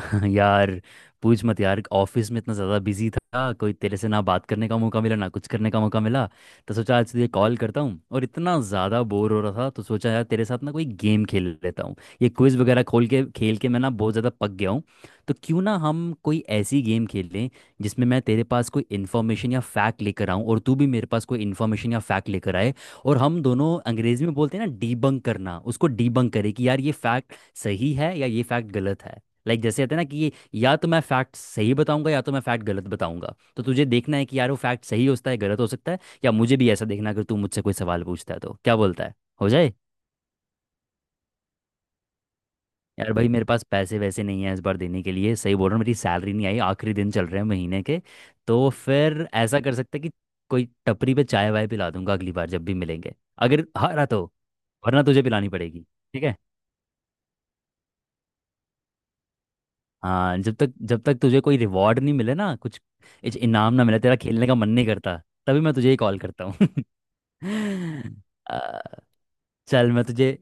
यार, पूछ मत यार। ऑफिस में इतना ज़्यादा बिजी था, कोई तेरे से ना बात करने का मौका मिला ना कुछ करने का मौका मिला। तो सोचा आज तुझे कॉल करता हूँ, और इतना ज़्यादा बोर हो रहा था तो सोचा यार तेरे साथ ना कोई गेम खेल लेता हूँ। ये क्विज वगैरह खोल के खेल के मैं ना बहुत ज़्यादा पक गया हूँ। तो क्यों ना हम कोई ऐसी गेम खेल लें, जिसमें मैं तेरे पास कोई इन्फॉर्मेशन या फैक्ट लेकर आऊँ और तू भी मेरे पास कोई इन्फॉर्मेशन या फैक्ट लेकर आए। और हम दोनों अंग्रेजी में बोलते हैं ना, डीबंक करना, उसको डीबंक करें कि यार ये फैक्ट सही है या ये फैक्ट गलत है। लाइक जैसे कहते हैं ना कि या तो मैं फैक्ट सही बताऊंगा या तो मैं फैक्ट गलत बताऊंगा, तो तुझे देखना है कि यार वो फैक्ट सही हो सकता है गलत हो सकता है। या मुझे भी ऐसा देखना है, अगर तू मुझसे कोई सवाल पूछता है तो क्या बोलता है। हो जाए। यार भाई मेरे पास पैसे वैसे नहीं है इस बार देने के लिए, सही बोल रहा हूँ, मेरी सैलरी नहीं आई, आखिरी दिन चल रहे हैं महीने के। तो फिर ऐसा कर सकते हैं कि कोई टपरी पे चाय वाय पिला दूंगा अगली बार जब भी मिलेंगे, अगर हारा तो। वरना तुझे पिलानी पड़ेगी। ठीक है। हाँ जब तक तुझे कोई रिवॉर्ड नहीं मिले ना, कुछ कुछ इनाम ना मिले, तेरा खेलने का मन नहीं करता। तभी मैं तुझे ही कॉल करता हूँ। अ, चल मैं तुझे,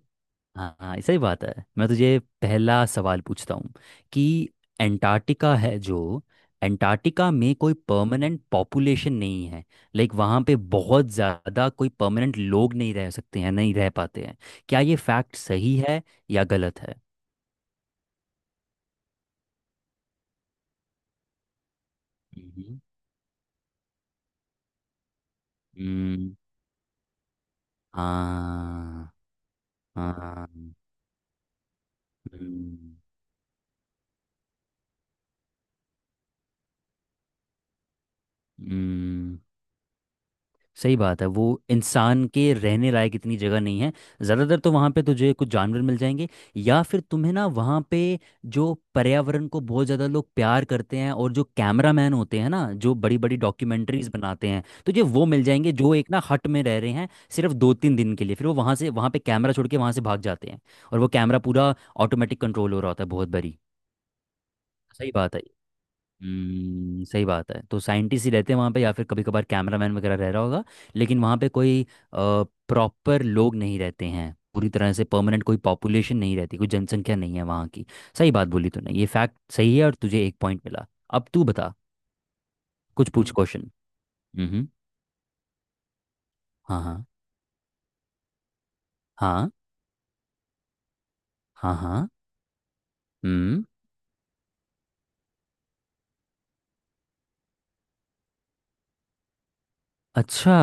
हाँ हाँ सही बात है, मैं तुझे पहला सवाल पूछता हूँ कि एंटार्क्टिका है जो, एंटार्क्टिका में कोई परमानेंट पॉपुलेशन नहीं है। लाइक वहाँ पे बहुत ज़्यादा कोई परमानेंट लोग नहीं रह सकते हैं, नहीं रह पाते हैं। क्या ये फैक्ट सही है या गलत है? हम्म। हाँ। हाँ। हम्म। हम्म। सही बात है वो, इंसान के रहने लायक इतनी जगह नहीं है। ज़्यादातर तो वहाँ पे तुझे कुछ जानवर मिल जाएंगे, या फिर तुम्हें ना वहाँ पे जो पर्यावरण को बहुत ज़्यादा लोग प्यार करते हैं और जो कैमरामैन होते हैं ना जो बड़ी बड़ी डॉक्यूमेंट्रीज बनाते हैं, तुझे वो मिल जाएंगे जो एक ना हट में रह रहे हैं सिर्फ दो तीन दिन के लिए। फिर वो वहाँ से, वहाँ पे कैमरा छोड़ के वहाँ से भाग जाते हैं, और वो कैमरा पूरा ऑटोमेटिक कंट्रोल हो रहा होता है, बहुत बड़ी। सही बात है। सही बात है, तो साइंटिस्ट ही रहते हैं वहाँ पे या फिर कभी कभार कैमरामैन वगैरह रह रहा होगा। लेकिन वहाँ पे कोई प्रॉपर लोग नहीं रहते हैं, पूरी तरह से परमानेंट कोई पॉपुलेशन नहीं रहती, कोई जनसंख्या नहीं है वहाँ की। सही बात बोली तूने, ये फैक्ट सही है और तुझे एक पॉइंट मिला। अब तू बता, कुछ पूछ। हम्म। क्वेश्चन। हम्म। हम्म। हाँ हाँ हाँ हाँ हाँ। हम्म। अच्छा,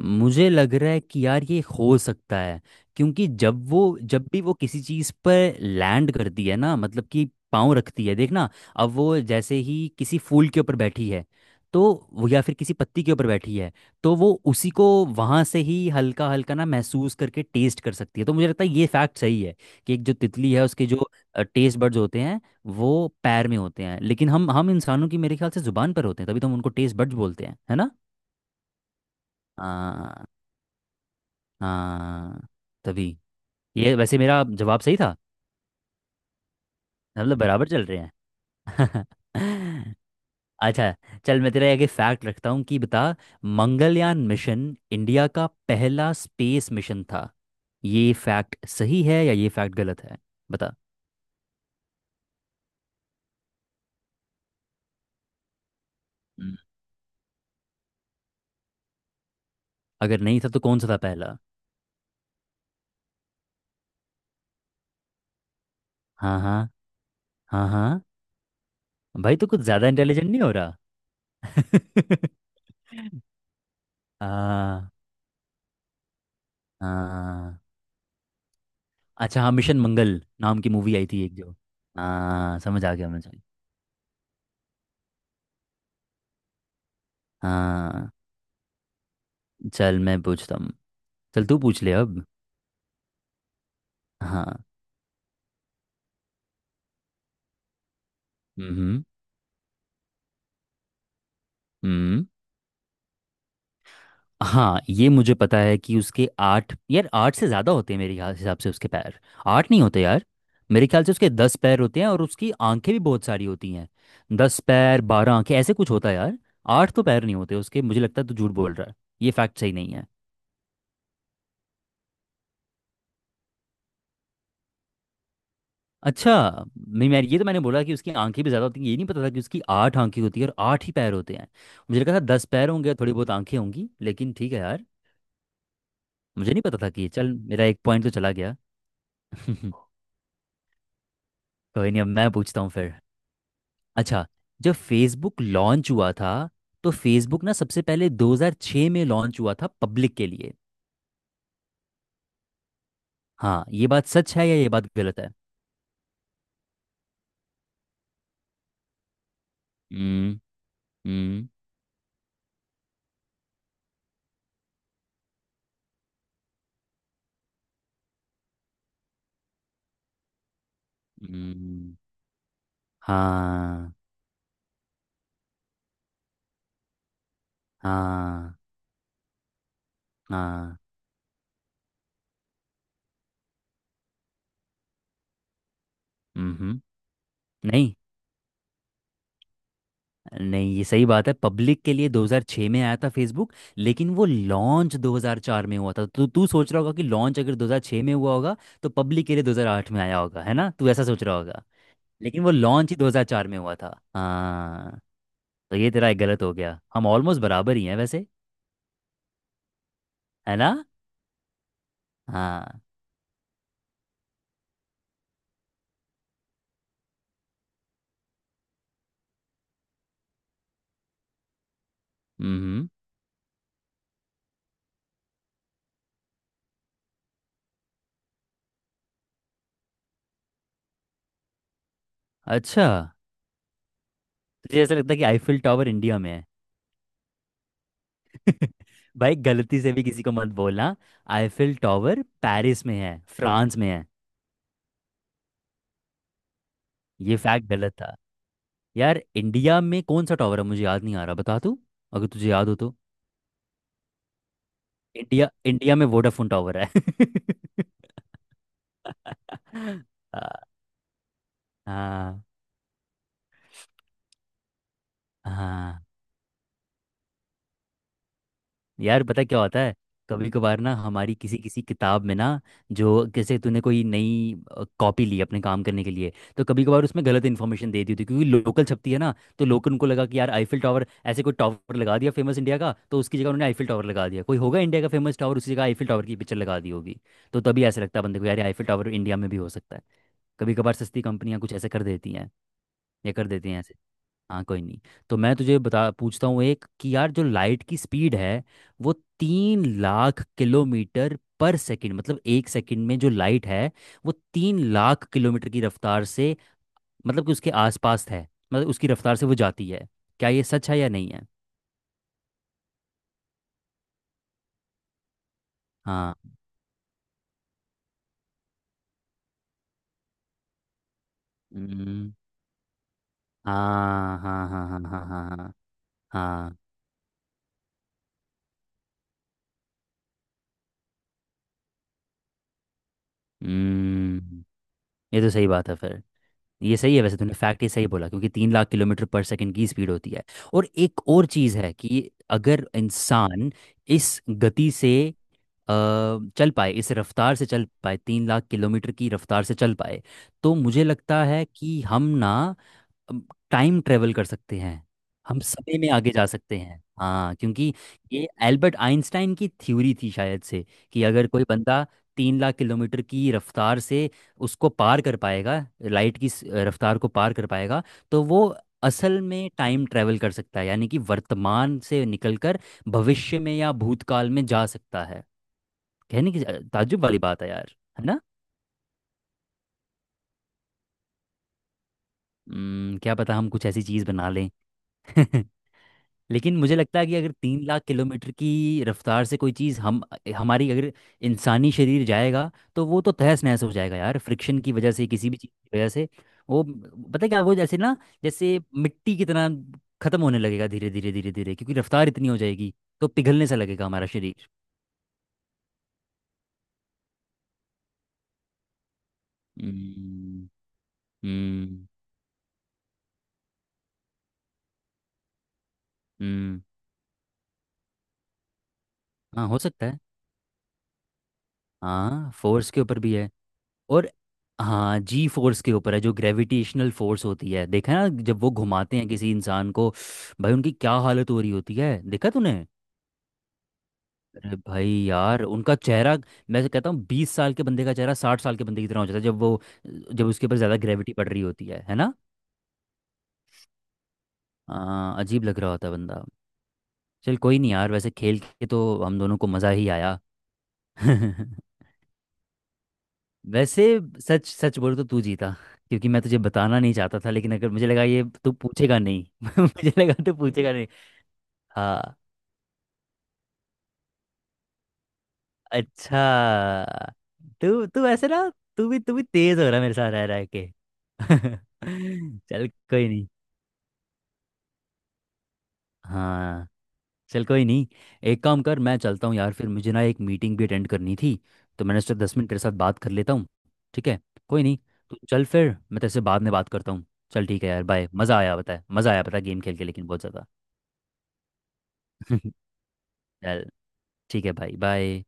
मुझे लग रहा है कि यार ये हो सकता है, क्योंकि जब भी वो किसी चीज़ पर लैंड करती है ना, मतलब कि पाँव रखती है, देखना। अब वो जैसे ही किसी फूल के ऊपर बैठी है तो वो, या फिर किसी पत्ती के ऊपर बैठी है, तो वो उसी को वहाँ से ही हल्का हल्का ना महसूस करके टेस्ट कर सकती है। तो मुझे लगता है ये फैक्ट सही है, कि एक जो तितली है उसके जो टेस्ट बड्स होते हैं वो पैर में होते हैं। लेकिन हम इंसानों की मेरे ख्याल से जुबान पर होते हैं, तभी तो हम उनको टेस्ट बड्स बोलते हैं, है ना? हाँ। तभी, ये वैसे मेरा जवाब सही था, मतलब बराबर चल रहे हैं। अच्छा, चल मैं तेरे आगे फैक्ट रखता हूँ कि बता, मंगलयान मिशन इंडिया का पहला स्पेस मिशन था। ये फैक्ट सही है या ये फैक्ट गलत है? बता। हम्म। अगर नहीं था तो कौन सा था पहला? हाँ हाँ हाँ हाँ। भाई तो कुछ ज़्यादा इंटेलिजेंट नहीं हो रहा। हाँ। हाँ अच्छा, हाँ, मिशन मंगल नाम की मूवी आई थी एक जो, हाँ समझ आ गया मुझे। हाँ। चल मैं पूछता हूँ। चल तू पूछ ले अब। हाँ। हम्म। हम्म। हाँ, ये मुझे पता है कि उसके आठ, यार आठ से ज़्यादा होते हैं मेरे ख्याल हिसाब से उसके पैर। आठ नहीं होते यार, मेरे ख्याल से उसके 10 पैर होते हैं और उसकी आंखें भी बहुत सारी होती हैं। 10 पैर 12 आंखें ऐसे कुछ होता है यार। आठ तो पैर नहीं होते उसके, मुझे लगता है तू झूठ बोल रहा है, ये फैक्ट सही नहीं है। अच्छा। नहीं, मैं ये तो मैंने बोला कि उसकी आंखें भी ज़्यादा होती हैं, ये नहीं पता था कि उसकी आठ आंखें होती है और आठ ही पैर होते हैं। मुझे लगा था 10 पैर होंगे और थोड़ी बहुत आंखें होंगी, लेकिन ठीक है यार। मुझे नहीं पता था कि ये, चल मेरा एक पॉइंट तो चला गया। कोई नहीं, अब मैं पूछता हूँ फिर। अच्छा, जब फेसबुक लॉन्च हुआ था, तो फेसबुक ना सबसे पहले 2006 में लॉन्च हुआ था पब्लिक के लिए। हाँ ये बात सच है या ये बात गलत है? हम्म। हम्म। हम्म। हाँ हाँ हाँ। हम्म। नहीं नहीं, ये सही बात है, पब्लिक के लिए 2006 में आया था फेसबुक, लेकिन वो लॉन्च 2004 में हुआ था। तो तू सोच रहा होगा कि लॉन्च अगर 2006 में हुआ होगा तो पब्लिक के लिए 2008 में आया होगा, है ना? तू ऐसा सोच रहा होगा, लेकिन वो लॉन्च ही 2004 में हुआ था। हाँ। तो ये तेरा एक गलत हो गया, हम ऑलमोस्ट बराबर ही हैं वैसे, है ना? हाँ। हम्म। अच्छा, तुझे ऐसा लगता है कि आईफिल टावर इंडिया में है? भाई गलती से भी किसी को मत बोलना, आईफिल टावर पेरिस में है, फ्रांस में है। ये फैक्ट गलत था। यार इंडिया में कौन सा टावर है मुझे याद नहीं आ रहा, बता तू, अगर तुझे याद हो तो। इंडिया, इंडिया में वोडाफोन टावर है। हाँ हाँ हाँ। यार पता क्या होता है, कभी कभार ना हमारी किसी किसी किताब में ना, जो जैसे तूने कोई नई कॉपी ली अपने काम करने के लिए, तो कभी कभार उसमें गलत इन्फॉर्मेशन दे दी होती है, क्योंकि लोकल छपती है ना, तो लोकल को लगा कि यार आईफिल टावर, ऐसे कोई टावर लगा दिया फेमस इंडिया का, तो उसकी जगह उन्होंने आईफिल टावर लगा दिया। कोई होगा इंडिया का फेमस टावर, उसकी जगह आईफिल टावर की पिक्चर लगा दी होगी। तो तभी ऐसा लगता है बंदे को यार आईफिल टावर इंडिया में भी हो सकता है। कभी कभार सस्ती कंपनियां कुछ ऐसे कर देती हैं, या कर देती हैं ऐसे। हाँ कोई नहीं। तो मैं तुझे बता, पूछता हूँ एक कि यार जो लाइट की स्पीड है, वो 3,00,000 किलोमीटर पर सेकंड, मतलब एक सेकंड में जो लाइट है वो 3,00,000 किलोमीटर की रफ्तार से, मतलब कि उसके आसपास है, मतलब उसकी रफ्तार से वो जाती है। क्या ये सच है या नहीं है? हाँ। हम्म। हाँ हाँ हाँ हाँ हाँ हाँ हाँ। हाँ। हम्म। ये तो सही बात है फिर। ये सही है वैसे, तूने फैक्ट ये सही बोला, क्योंकि 3,00,000 किलोमीटर पर सेकंड की स्पीड होती है। और एक और चीज़ है कि अगर इंसान इस गति से अ, चल पाए, इस रफ्तार से चल पाए, 3,00,000 किलोमीटर की रफ्तार से चल पाए, तो मुझे लगता है कि हम ना टाइम ट्रेवल कर सकते हैं। हम समय में आगे जा सकते हैं, हाँ, क्योंकि ये एल्बर्ट आइंस्टाइन की थ्योरी थी शायद से, कि अगर कोई बंदा 3,00,000 किलोमीटर की रफ्तार से उसको पार कर पाएगा, लाइट की रफ्तार को पार कर पाएगा, तो वो असल में टाइम ट्रेवल कर सकता है, यानी कि वर्तमान से निकलकर भविष्य में या भूतकाल में जा सकता है। कहने की ताज्जुब वाली बात है यार, है ना? हम्म। क्या पता हम कुछ ऐसी चीज़ बना लें। लेकिन मुझे लगता है कि अगर 3,00,000 किलोमीटर की रफ्तार से कोई चीज़ हम, हमारी अगर इंसानी शरीर जाएगा, तो वो तो तहस नहस हो जाएगा यार, फ्रिक्शन की वजह से, किसी भी चीज़ की वजह से। वो पता है क्या, वो जैसे ना जैसे मिट्टी की तरह खत्म होने लगेगा धीरे धीरे धीरे धीरे, क्योंकि रफ्तार इतनी हो जाएगी, तो पिघलने सा लगेगा हमारा शरीर। हम्म। हम्म। हम्म। हाँ हो सकता है, हाँ फोर्स के ऊपर भी है, और, हाँ जी फोर्स के ऊपर है, जो ग्रेविटेशनल फोर्स होती है, देखा है ना जब वो घुमाते हैं किसी इंसान को, भाई उनकी क्या हालत हो रही होती है, देखा तूने? अरे भाई यार उनका चेहरा, मैं तो कहता हूँ 20 साल के बंदे का चेहरा 60 साल के बंदे की तरह हो जाता है, जब वो, जब उसके ऊपर ज़्यादा ग्रेविटी पड़ रही होती है ना? हाँ, अजीब लग रहा होता है बंदा। चल कोई नहीं यार, वैसे खेल के तो हम दोनों को मज़ा ही आया। वैसे सच सच बोलूं तो तू जीता, क्योंकि मैं तुझे बताना नहीं चाहता था, लेकिन अगर मुझे लगा ये तू पूछेगा नहीं, मुझे लगा तू पूछेगा नहीं। हाँ। अच्छा। तू तू ऐसे ना, तू भी तेज हो रहा है मेरे साथ रह रह के। चल कोई नहीं। हाँ, चल कोई नहीं, एक काम कर, मैं चलता हूँ यार, फिर मुझे ना एक मीटिंग भी अटेंड करनी थी, तो मैंने सोचा 10 मिनट तेरे साथ बात कर लेता हूँ। ठीक है, कोई नहीं, तो चल फिर मैं तेरे से बाद में बात करता हूँ। चल ठीक है यार, बाय। मज़ा आया पता है, मज़ा आया पता है गेम खेल के, लेकिन बहुत ज़्यादा। चल ठीक है भाई, बाय।